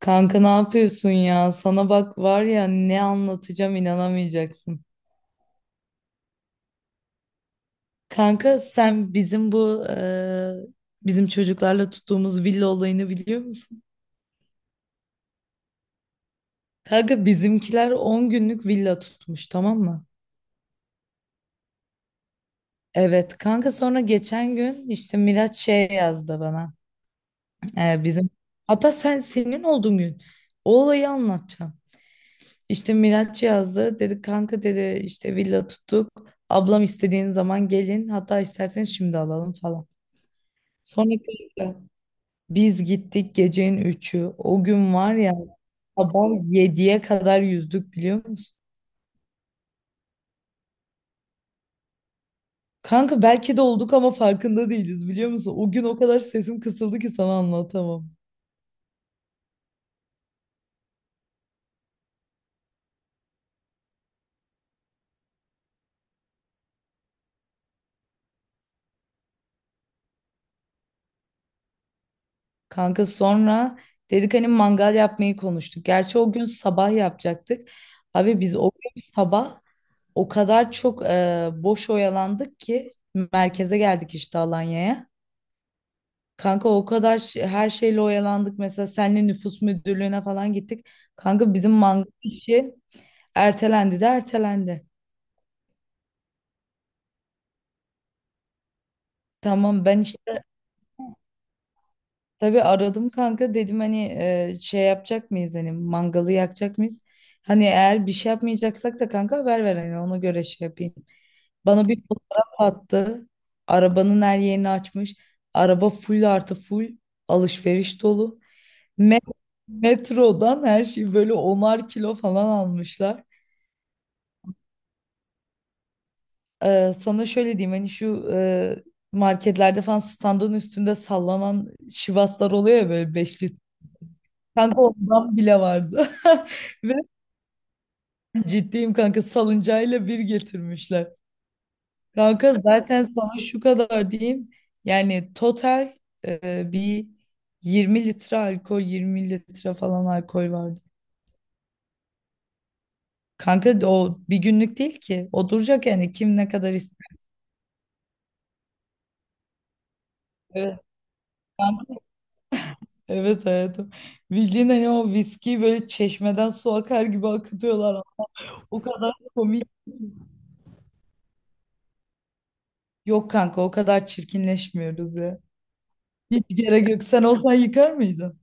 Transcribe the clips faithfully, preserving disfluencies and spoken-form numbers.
Kanka ne yapıyorsun ya? Sana bak var ya ne anlatacağım inanamayacaksın. Kanka sen bizim bu eee, bizim çocuklarla tuttuğumuz villa olayını biliyor musun? Kanka bizimkiler on günlük villa tutmuş tamam mı? Evet kanka sonra geçen gün işte Miraç şey yazdı bana. Eee, bizim hatta sen senin olduğun gün o olayı anlatacağım. İşte Miraç yazdı. Dedi kanka, dedi işte villa tuttuk. Ablam istediğin zaman gelin. Hatta isterseniz şimdi alalım falan. Sonra kanka biz gittik gecenin üçü, o gün var ya, sabah yediye kadar yüzdük biliyor musun? Kanka belki de olduk ama farkında değiliz biliyor musun? O gün o kadar sesim kısıldı ki sana anlatamam. Kanka sonra dedik hani mangal yapmayı konuştuk. Gerçi o gün sabah yapacaktık. Abi biz o gün sabah, o kadar çok e, boş oyalandık ki merkeze geldik işte, Alanya'ya. Kanka o kadar ş- her şeyle oyalandık. Mesela senle nüfus müdürlüğüne falan gittik. Kanka bizim mangal işi ertelendi de ertelendi. Tamam ben işte tabii aradım kanka, dedim hani e, şey yapacak mıyız, hani mangalı yakacak mıyız? Hani eğer bir şey yapmayacaksak da kanka haber ver, hani ona göre şey yapayım. Bana bir fotoğraf attı. Arabanın her yerini açmış. Araba full artı full alışveriş dolu. Me- metrodan her şeyi böyle onar kilo falan almışlar. Ee, sana şöyle diyeyim, hani şu e, marketlerde falan standın üstünde sallanan şivaslar oluyor ya böyle, beş litre. Kanka ondan bile vardı. Ve ciddiyim kanka, salıncayla bir getirmişler. Kanka zaten sana şu kadar diyeyim. Yani total e, bir 20 litre alkol, yirmi litre falan alkol vardı. Kanka de o bir günlük değil ki. O duracak yani, kim ne kadar ister. Evet, evet hayatım. Bildiğin hani o viskiyi böyle çeşmeden su akar gibi akıtıyorlar. O kadar komik. Yok kanka o kadar çirkinleşmiyoruz ya. Hiç gerek yok. Sen olsan yıkar mıydın?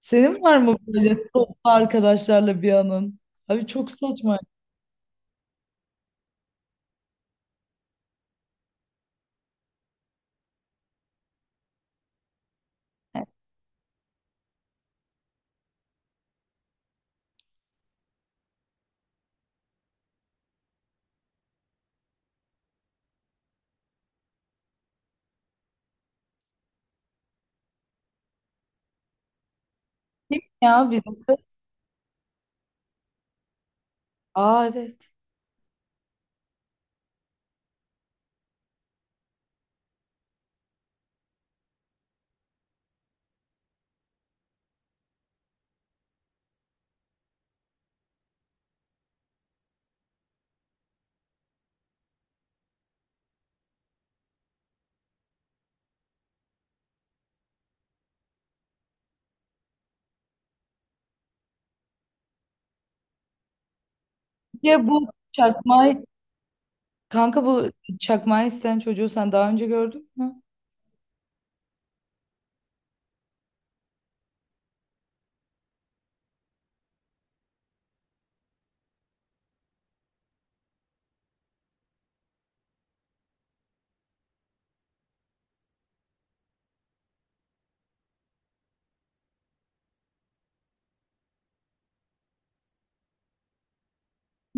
Senin var mı böyle toplu arkadaşlarla bir anın? Abi çok saçma. Kim ya bizim kız? Aa, evet. Ya bu çakmağı kanka bu çakmağı isteyen çocuğu sen daha önce gördün mü?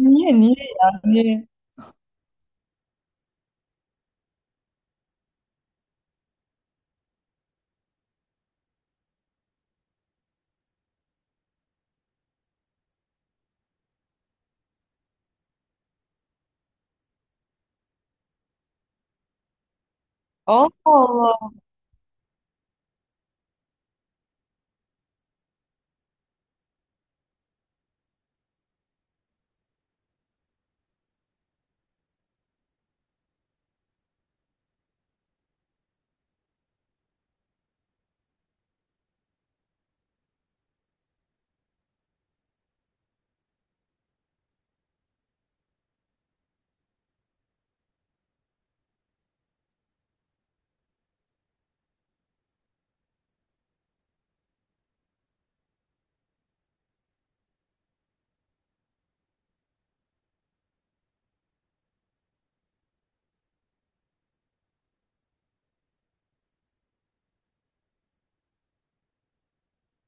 Niye niye yani? Allah Allah.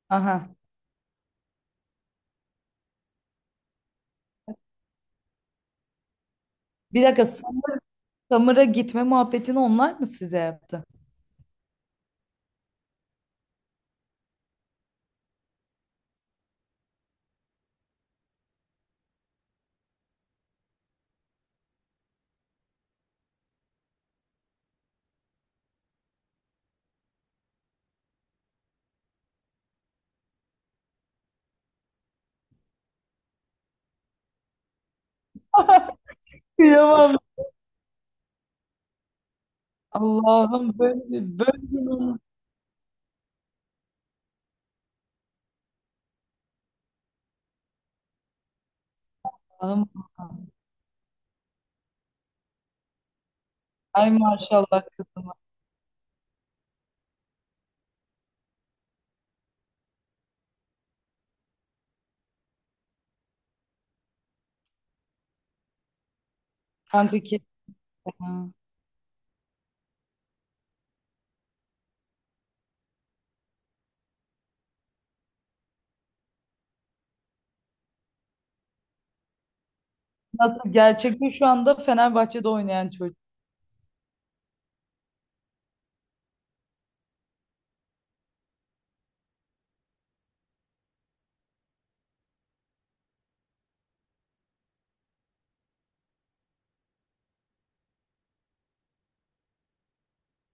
Aha. Bir dakika, Sam- Samır'a gitme muhabbetini onlar mı size yaptı? Kıyamam. Allah'ım, böyle böyle. Allah'ım. Ay maşallah kızıma. Kanka kesin. Nasıl, gerçekte şu anda Fenerbahçe'de oynayan çocuk.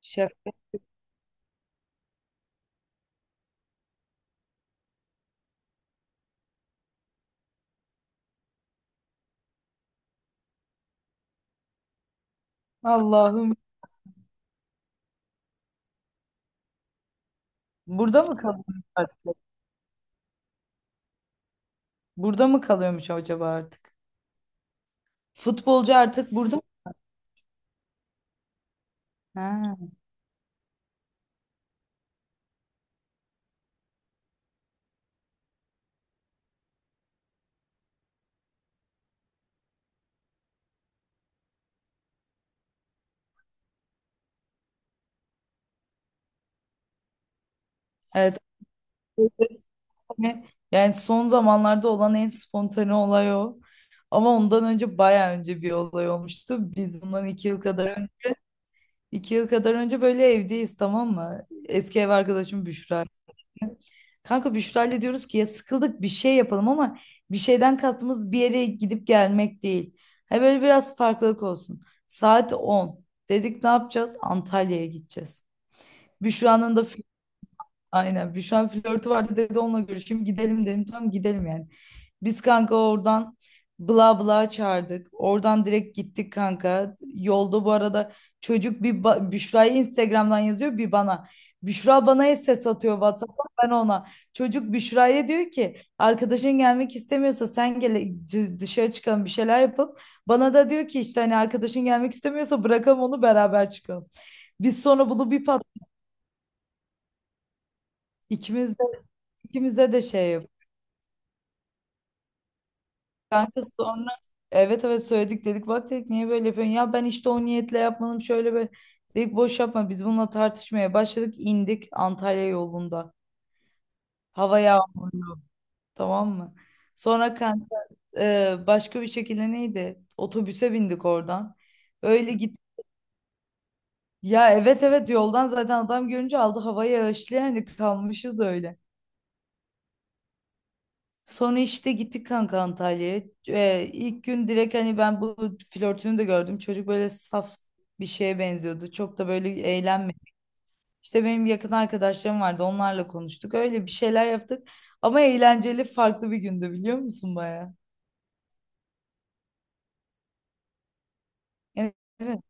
Şaka. Allah'ım. Burada mı kalıyormuş artık? Burada mı kalıyormuş acaba artık? Futbolcu artık burada mı? Ha. Evet. Yani son zamanlarda olan en spontane olay o. Ama ondan önce bayağı önce bir olay olmuştu. Biz bundan iki yıl kadar iki yıl kadar önce böyle evdeyiz tamam mı? Eski ev arkadaşım Büşra. Kanka Büşra diyoruz ki ya sıkıldık, bir şey yapalım, ama bir şeyden kastımız bir yere gidip gelmek değil. Ha, böyle biraz farklılık olsun. Saat on dedik, ne yapacağız? Antalya'ya gideceğiz. Büşra'nın da. Aynen. Büşra flörtü vardı, dedi onunla görüşeyim. Gidelim dedim. Tamam, gidelim yani. Biz kanka oradan bla bla çağırdık. Oradan direkt gittik kanka. Yolda bu arada çocuk bir ba- Büşra'ya Instagram'dan yazıyor, bir bana. Büşra bana ses atıyor WhatsApp'tan, ben ona. Çocuk Büşra'ya diyor ki arkadaşın gelmek istemiyorsa sen gel, c- dışarı çıkalım bir şeyler yapalım. Bana da diyor ki işte, hani arkadaşın gelmek istemiyorsa, bırakalım onu beraber çıkalım. Biz sonra bunu bir pat, ikimiz de, ikimize de şey. Kanka sonra evet evet söyledik, dedik bak, dedik niye böyle yapıyorsun ya, ben işte o niyetle yapmadım şöyle böyle, dedik boş yapma. Biz bununla tartışmaya başladık, indik, Antalya yolunda, hava yağmurlu, tamam mı? Sonra kanka e, başka bir şekilde neydi, otobüse bindik oradan öyle git, ya evet evet yoldan zaten, adam görünce aldı havayı, yağışlı yani, kalmışız öyle. Sonra işte gittik kanka Antalya'ya. Ee, ilk gün direkt hani ben bu flörtünü de gördüm. Çocuk böyle saf bir şeye benziyordu. Çok da böyle eğlenmedi. İşte benim yakın arkadaşlarım vardı. Onlarla konuştuk. Öyle bir şeyler yaptık. Ama eğlenceli, farklı bir gündü biliyor musun baya? Evet, evet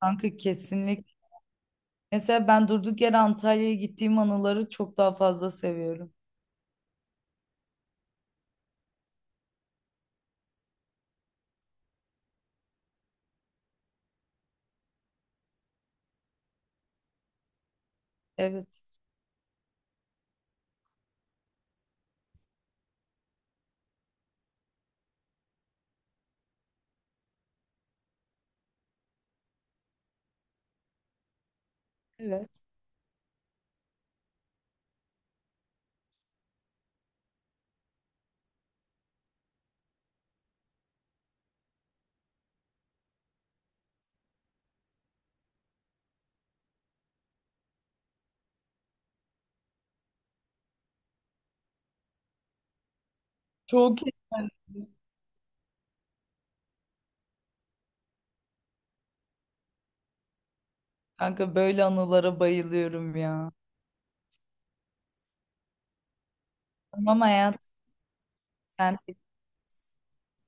kanka, kesinlikle. Mesela ben durduk yere Antalya'ya gittiğim anıları çok daha fazla seviyorum. Evet, evet. Çok eğlenceli. Kanka böyle anılara bayılıyorum ya. Tamam hayat. Sen